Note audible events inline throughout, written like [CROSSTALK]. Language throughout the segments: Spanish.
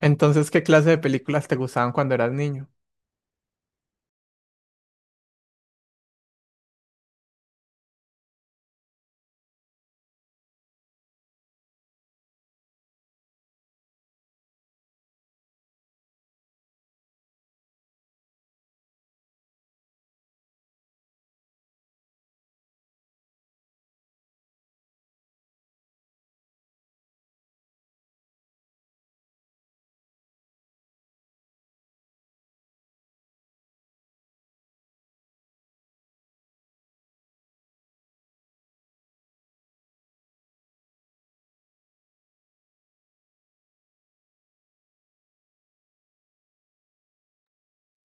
Entonces, ¿qué clase de películas te gustaban cuando eras niño?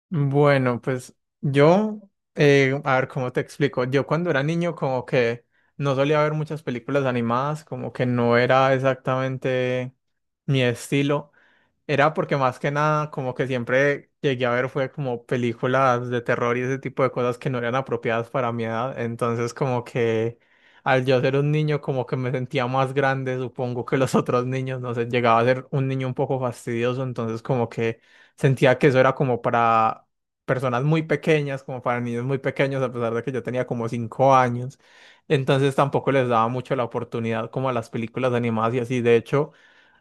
Bueno, pues yo, a ver cómo te explico. Yo cuando era niño como que no solía ver muchas películas animadas, como que no era exactamente mi estilo. Era porque más que nada, como que siempre llegué a ver fue como películas de terror y ese tipo de cosas que no eran apropiadas para mi edad. Entonces, como que al yo ser un niño, como que me sentía más grande, supongo que los [LAUGHS] otros niños, no sé, llegaba a ser un niño un poco fastidioso, entonces como que sentía que eso era como para personas muy pequeñas, como para niños muy pequeños, a pesar de que yo tenía como 5 años. Entonces tampoco les daba mucho la oportunidad como a las películas animadas y así. De hecho,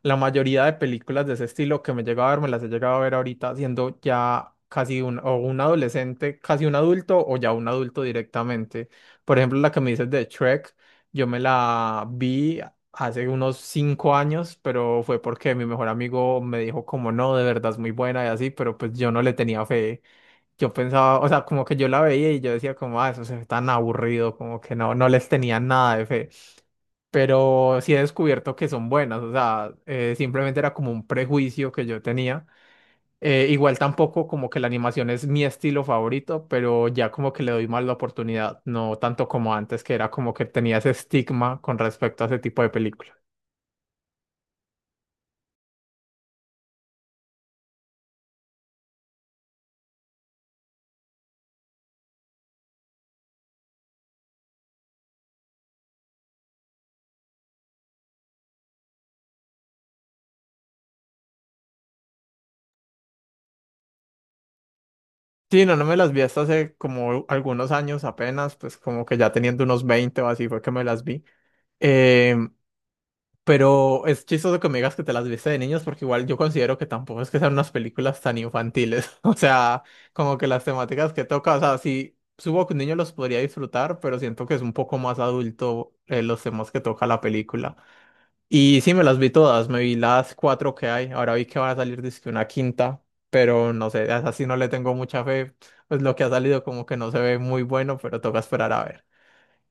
la mayoría de películas de ese estilo que me he llegado a ver, me las he llegado a ver ahorita siendo ya casi un adolescente, casi un adulto o ya un adulto directamente. Por ejemplo, la que me dices de Shrek, yo me la vi hace unos 5 años, pero fue porque mi mejor amigo me dijo como no, de verdad es muy buena y así, pero pues yo no le tenía fe. Yo pensaba, o sea, como que yo la veía y yo decía como, ah, eso se ve tan aburrido, como que no, no les tenía nada de fe pero sí he descubierto que son buenas, o sea, simplemente era como un prejuicio que yo tenía. Igual tampoco como que la animación es mi estilo favorito, pero ya como que le doy más la oportunidad, no tanto como antes, que era como que tenía ese estigma con respecto a ese tipo de películas. Sí, no, no me las vi hasta hace como algunos años apenas, pues como que ya teniendo unos 20 o así fue que me las vi. Em, Pero es chistoso que me digas que te las viste de niños, porque igual yo considero que tampoco es que sean unas películas tan infantiles. [LAUGHS] O sea, como que las temáticas que toca, o sea, sí, supongo que un niño los podría disfrutar, pero siento que es un poco más adulto los temas que toca la película. Y sí, me las vi todas, me vi las cuatro que hay. Ahora vi que van a salir dizque una quinta, pero no sé, a esa sí no le tengo mucha fe. Pues lo que ha salido como que no se ve muy bueno, pero toca esperar a ver.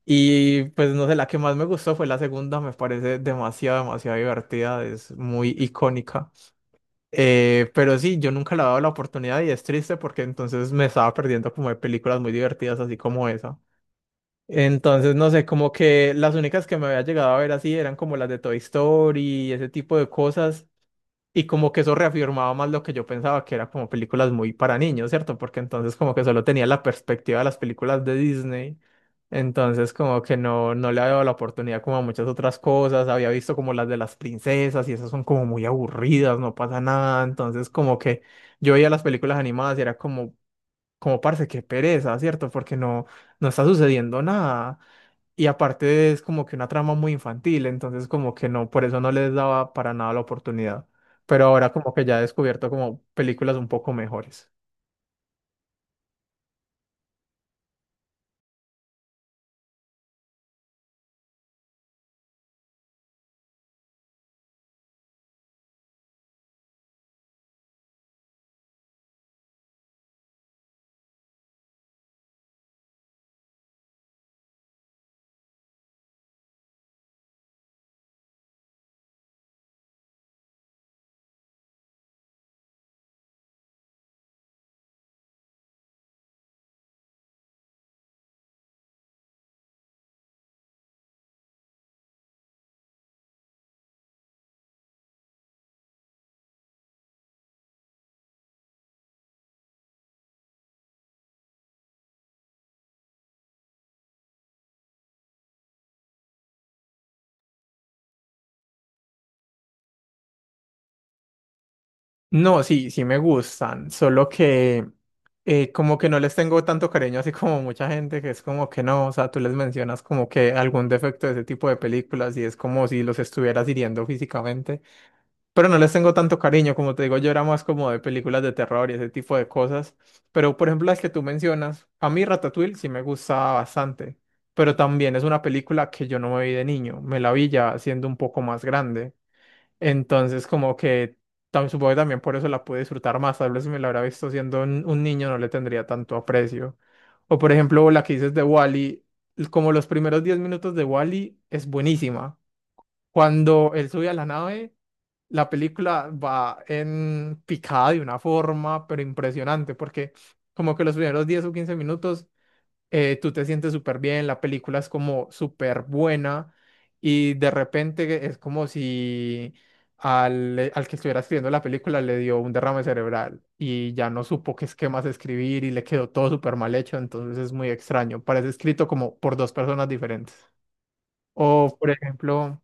Y pues no sé, la que más me gustó fue la segunda, me parece demasiado, demasiado divertida, es muy icónica. Pero sí, yo nunca le he dado la oportunidad y es triste porque entonces me estaba perdiendo como de películas muy divertidas así como esa. Entonces, no sé, como que las únicas que me había llegado a ver así eran como las de Toy Story y ese tipo de cosas. Y como que eso reafirmaba más lo que yo pensaba, que era como películas muy para niños, ¿cierto? Porque entonces como que solo tenía la perspectiva de las películas de Disney. Entonces como que no, no le había dado la oportunidad como a muchas otras cosas. Había visto como las de las princesas y esas son como muy aburridas, no pasa nada. Entonces como que yo veía las películas animadas y era como, como parce, qué pereza, ¿cierto? Porque no, no está sucediendo nada. Y aparte es como que una trama muy infantil, entonces como que no, por eso no les daba para nada la oportunidad. Pero ahora como que ya he descubierto como películas un poco mejores. No, sí, sí me gustan, solo que como que no les tengo tanto cariño así como mucha gente que es como que no, o sea, tú les mencionas como que algún defecto de ese tipo de películas y es como si los estuvieras hiriendo físicamente. Pero no les tengo tanto cariño, como te digo, yo era más como de películas de terror y ese tipo de cosas. Pero, por ejemplo, las que tú mencionas, a mí Ratatouille sí me gusta bastante, pero también es una película que yo no me vi de niño, me la vi ya siendo un poco más grande. Entonces, como que supongo que también por eso la pude disfrutar más. Tal vez si me la hubiera visto siendo un niño no le tendría tanto aprecio. O, por ejemplo, la que dices de Wally, como los primeros 10 minutos de Wally es buenísima. Cuando él sube a la nave. La película va en picada de una forma, pero impresionante, porque como que los primeros 10 o 15 minutos tú te sientes súper bien, la película es como súper buena y de repente es como si al que estuviera escribiendo la película le dio un derrame cerebral y ya no supo qué esquemas escribir y le quedó todo súper mal hecho, entonces es muy extraño, parece escrito como por dos personas diferentes. O, por ejemplo...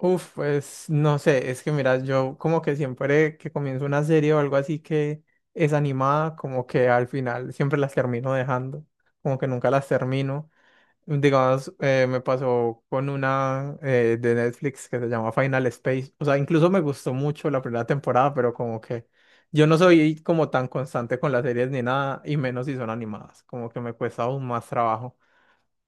Uf, pues no sé, es que mira, yo como que siempre que comienzo una serie o algo así que es animada, como que al final siempre las termino dejando, como que nunca las termino. Digamos, me pasó con una de Netflix que se llama Final Space, o sea, incluso me gustó mucho la primera temporada, pero como que yo no soy como tan constante con las series ni nada, y menos si son animadas, como que me cuesta aún más trabajo.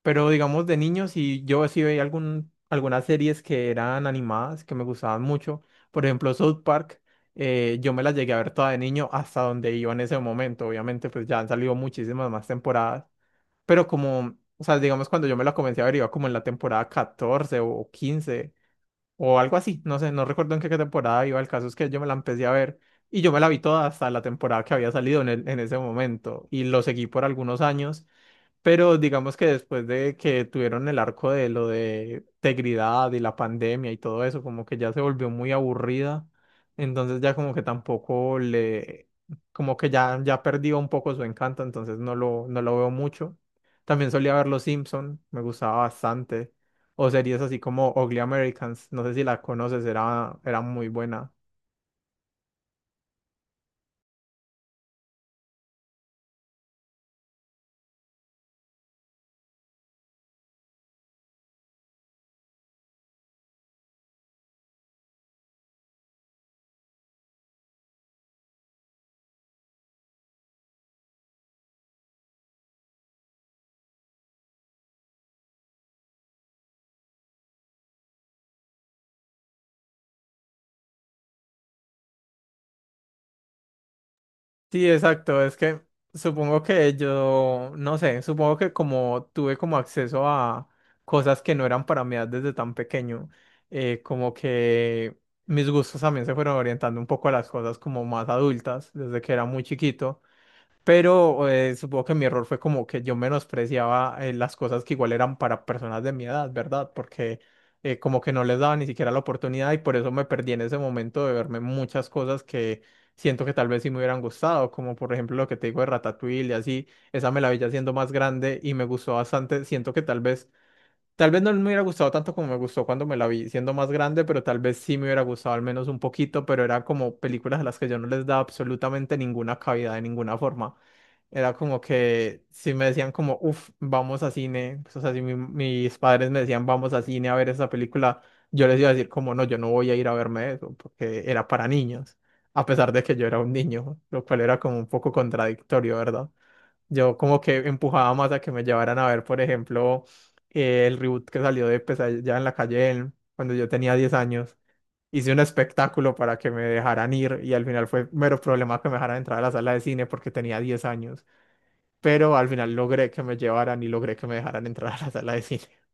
Pero digamos de niños, y yo sí veía algunas series que eran animadas, que me gustaban mucho. Por ejemplo, South Park, yo me las llegué a ver toda de niño hasta donde iba en ese momento. Obviamente, pues ya han salido muchísimas más temporadas. Pero como, o sea, digamos cuando yo me la comencé a ver, iba como en la temporada 14 o 15 o algo así. No sé, no recuerdo en qué temporada iba. El caso es que yo me la empecé a ver y yo me la vi toda hasta la temporada que había salido en en ese momento. Y lo seguí por algunos años pero digamos que después de que tuvieron el arco de lo de integridad y la pandemia y todo eso, como que ya se volvió muy aburrida. Entonces ya como que tampoco le, como que ya perdió un poco su encanto, entonces no lo veo mucho. También solía ver Los Simpson, me gustaba bastante. O series así como Ugly Americans, no sé si la conoces, era muy buena. Sí, exacto. Es que supongo que yo, no sé, supongo que como tuve como acceso a cosas que no eran para mí desde tan pequeño, como que mis gustos también se fueron orientando un poco a las cosas como más adultas desde que era muy chiquito. Pero supongo que mi error fue como que yo menospreciaba las cosas que igual eran para personas de mi edad, ¿verdad? Porque como que no les daba ni siquiera la oportunidad y por eso me perdí en ese momento de verme muchas cosas que siento que tal vez sí me hubieran gustado, como por ejemplo lo que te digo de Ratatouille y así, esa me la vi ya siendo más grande y me gustó bastante, siento que tal vez no me hubiera gustado tanto como me gustó cuando me la vi siendo más grande, pero tal vez sí me hubiera gustado al menos un poquito, pero eran como películas a las que yo no les daba absolutamente ninguna cabida de ninguna forma. Era como que si me decían como, uff, vamos a cine, pues, o sea, si mis padres me decían, vamos a cine a ver esa película, yo les iba a decir como, no, yo no voy a ir a verme eso, porque era para niños, a pesar de que yo era un niño, lo cual era como un poco contradictorio, ¿verdad? Yo como que empujaba más a que me llevaran a ver, por ejemplo, el reboot que salió de Pesadilla en la calle, cuando yo tenía 10 años. Hice un espectáculo para que me dejaran ir y al final fue mero problema que me dejaran entrar a la sala de cine porque tenía 10 años pero al final logré que me llevaran y logré que me dejaran entrar a la sala de cine.